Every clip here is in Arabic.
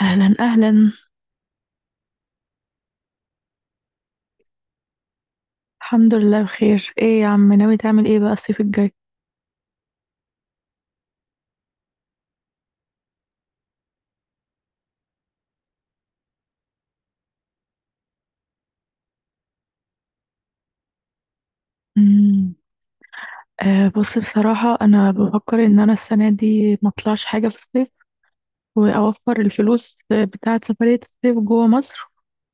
اهلا اهلا. الحمد لله، بخير. ايه يا عم، ناوي تعمل ايه بقى الصيف الجاي؟ امم. بص، بصراحة انا بفكر ان انا السنة دي ما اطلعش حاجة في الصيف، واوفر الفلوس بتاعة سفرية الصيف جوه مصر،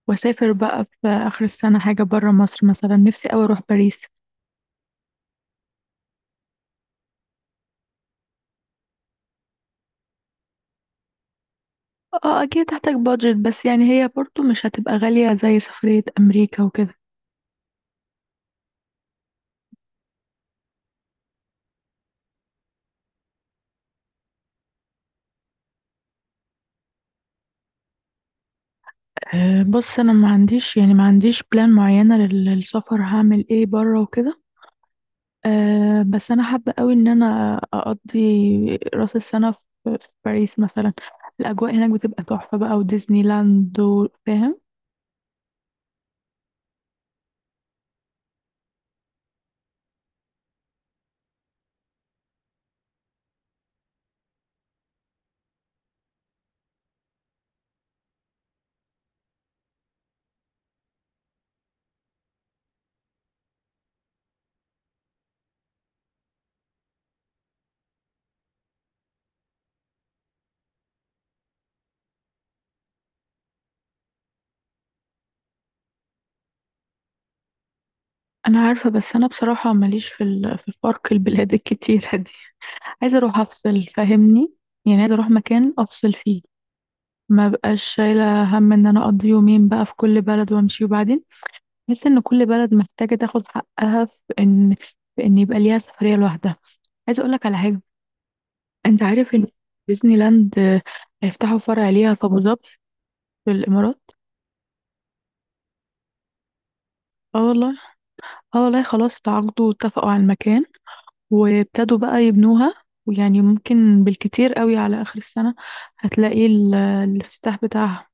واسافر بقى في اخر السنة حاجة برا مصر، مثلا نفسي اوي اروح باريس. اه اكيد هحتاج بادجت، بس يعني هي برضو مش هتبقى غالية زي سفرية امريكا وكده. بص، انا ما عنديش، يعني ما عنديش بلان معينة للسفر، هعمل ايه برا وكده. بس انا حابه قوي ان انا اقضي راس السنه في باريس مثلا. الاجواء هناك بتبقى تحفه بقى، وديزني لاند فاهم. انا عارفه، بس انا بصراحه ماليش في في الفرق البلاد الكتيره دي. عايزه اروح افصل، فاهمني؟ يعني عايزه اروح مكان افصل فيه، ما بقاش شايله هم ان انا اقضي يومين بقى في كل بلد وامشي وبعدين. بحس ان كل بلد محتاجه تاخد حقها في ان يبقى ليها سفريه لوحدها. عايزه اقول لك على حاجه، انت عارف ان ديزني لاند هيفتحوا فرع ليها في ابو ظبي، في الامارات. اه والله. اه والله، خلاص تعاقدوا واتفقوا على المكان، وابتدوا بقى يبنوها، ويعني ممكن بالكتير قوي على اخر السنة هتلاقي الافتتاح بتاعها.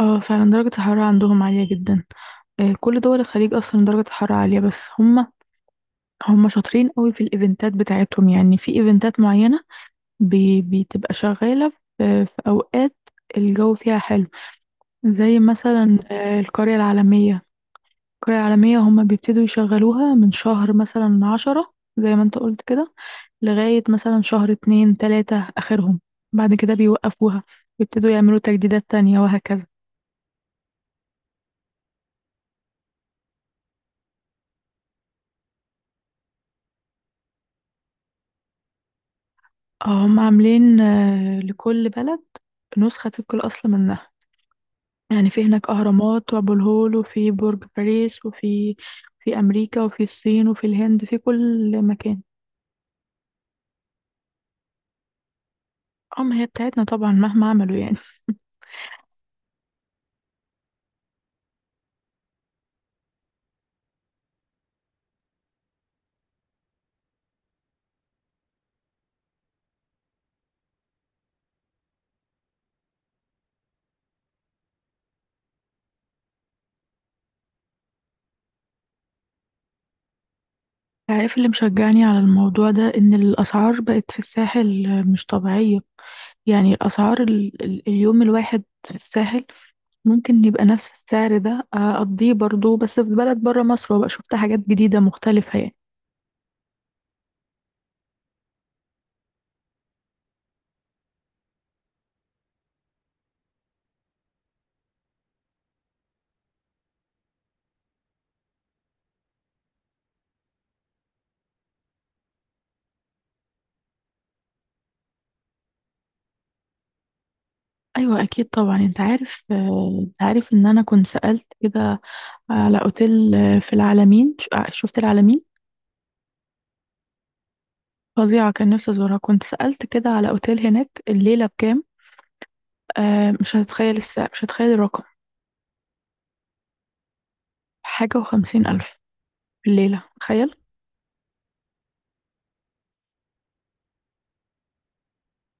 اه فعلا درجة الحرارة عندهم عالية جدا. كل دول الخليج اصلا درجة الحرارة عالية، بس هم شاطرين قوي في الايفنتات بتاعتهم، يعني في ايفنتات معينة بتبقى شغالة في في اوقات الجو فيها حلو، زي مثلا القرية العالمية. القرية العالمية هما بيبتدوا يشغلوها من شهر مثلا 10، زي ما انت قلت كده، لغاية مثلا شهر اتنين تلاتة آخرهم، بعد كده بيوقفوها، بيبتدوا يعملوا تجديدات تانية وهكذا. هم عاملين لكل بلد نسخة طبق الأصل منها، يعني في هناك أهرامات وأبو الهول، وفي برج باريس، وفي أمريكا وفي الصين وفي الهند، في كل مكان. هي بتاعتنا طبعا مهما عملوا، يعني. عارف اللي مشجعني على الموضوع ده إن الأسعار بقت في الساحل مش طبيعية، يعني الأسعار اليوم الواحد في الساحل ممكن يبقى نفس السعر ده أقضيه برضو بس في بلد برا مصر، وبقى شفت حاجات جديدة مختلفة يعني. أيوة أكيد طبعا. أنت عارف، أنت عارف إن أنا كنت سألت كده على أوتيل في العلمين، شفت العلمين فظيعة، كان نفسي أزورها. كنت سألت كده على أوتيل هناك الليلة بكام. مش هتتخيل السعر، مش هتتخيل الرقم. حاجة وخمسين ألف في الليلة، تخيل.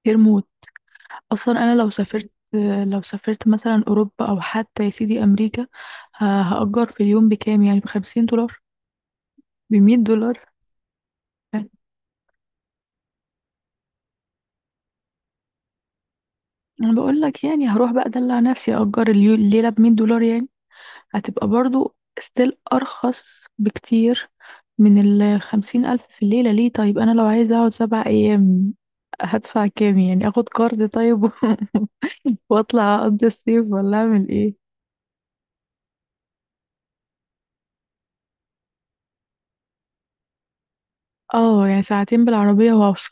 غير موت. أصلا أنا لو سافرت لو سافرت مثلا أوروبا أو حتى يا سيدي أمريكا، هأجر في اليوم بكام، يعني بخمسين دولار، بمية دولار يعني. أنا بقول لك يعني هروح بقى أدلع نفسي، أجر الليلة بمية دولار يعني، هتبقى برضو ستيل أرخص بكتير من الخمسين ألف في الليلة. ليه؟ طيب أنا لو عايزة أقعد 7 أيام هدفع كام، يعني أخد قرض طيب وأطلع أقضي الصيف، ولا أعمل إيه؟ اه يعني ساعتين بالعربية واوصل.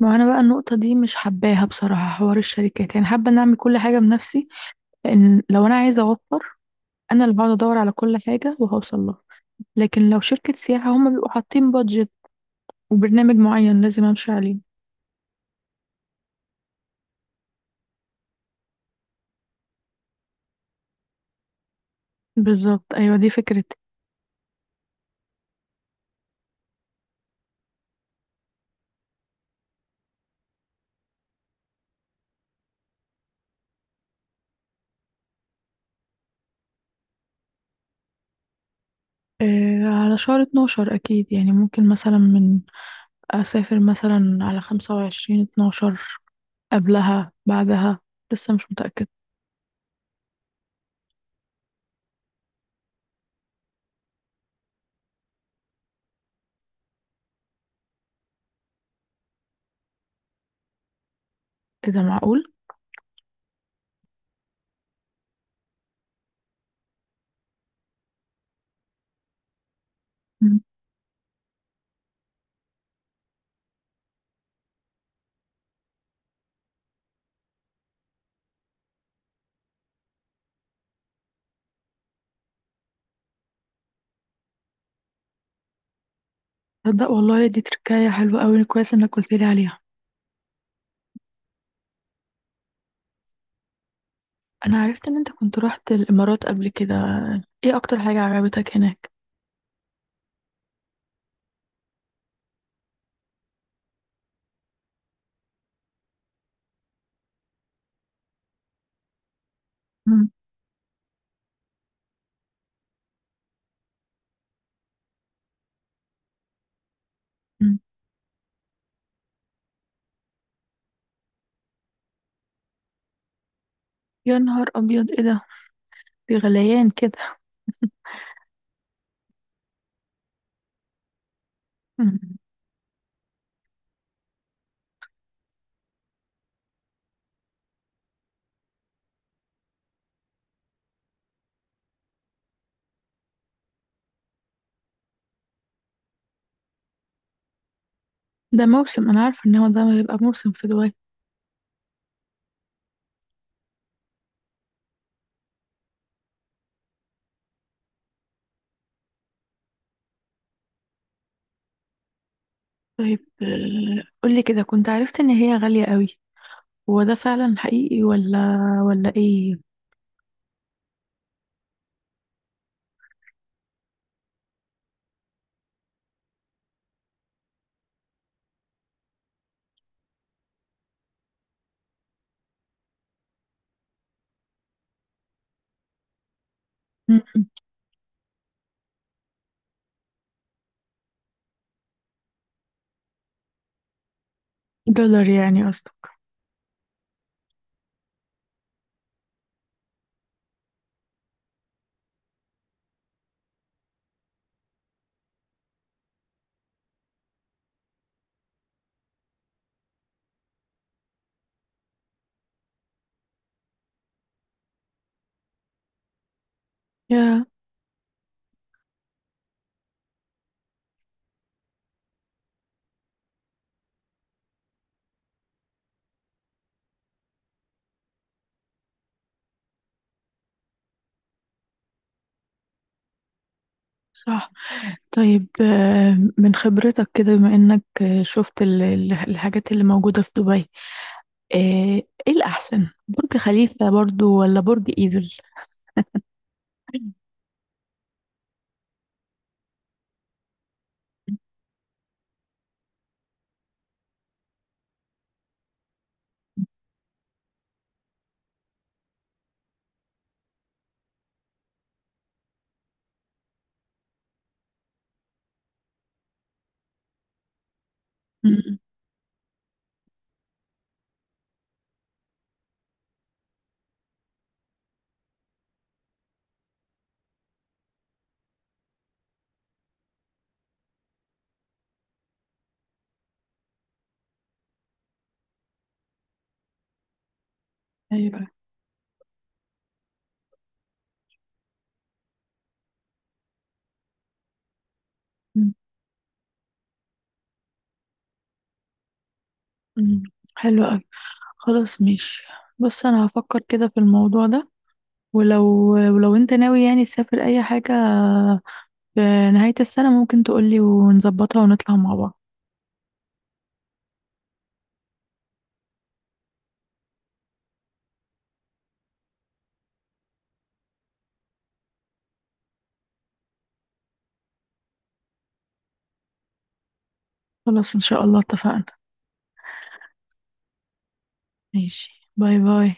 ما انا بقى النقطة دي مش حباها بصراحة، حوار الشركات. يعني حابة ان اعمل كل حاجة بنفسي، لان لو انا عايزة اوفر، انا اللي هقعد ادور على كل حاجة وهوصل لها، لكن لو شركة سياحة هما بيبقوا حاطين بادجت وبرنامج معين لازم امشي عليه. بالظبط، ايوه، دي فكرتي. آه على شهر 12 اكيد، يعني ممكن مثلا من اسافر مثلا على 25 12، قبلها بعدها، لسه مش متأكد. اذا معقول. تصدق والله دي تركاية حلوة أوي، كويس إنك قلت لي عليها. أنا عرفت إن أنت كنت رحت الإمارات قبل كده، إيه أكتر حاجة عجبتك هناك؟ مم. مم. يا نهار أبيض، إيه ده، في غليان كده. مم. ده موسم، أنا عارفة إن هو ده هيبقى موسم في دبي. طيب قولي كده، كنت عرفت إن هي غالية أوي، هو ده فعلا حقيقي ولا إيه؟ مم. دولار يعني قصدك؟ يا صح. طيب من خبرتك كده بما إنك شفت الحاجات اللي موجودة في دبي، ايه إيه الاحسن، برج خليفة برضو ولا برج ايفل؟ أمم. ايوه. أمم. أمم. حلو قوي. خلاص ماشي. بص انا هفكر كده في الموضوع ده، ولو انت ناوي يعني تسافر اي حاجة في نهاية السنة ممكن تقولي ونظبطها ونطلع مع بعض. خلاص ان شاء الله، اتفقنا. ماشي، باي باي.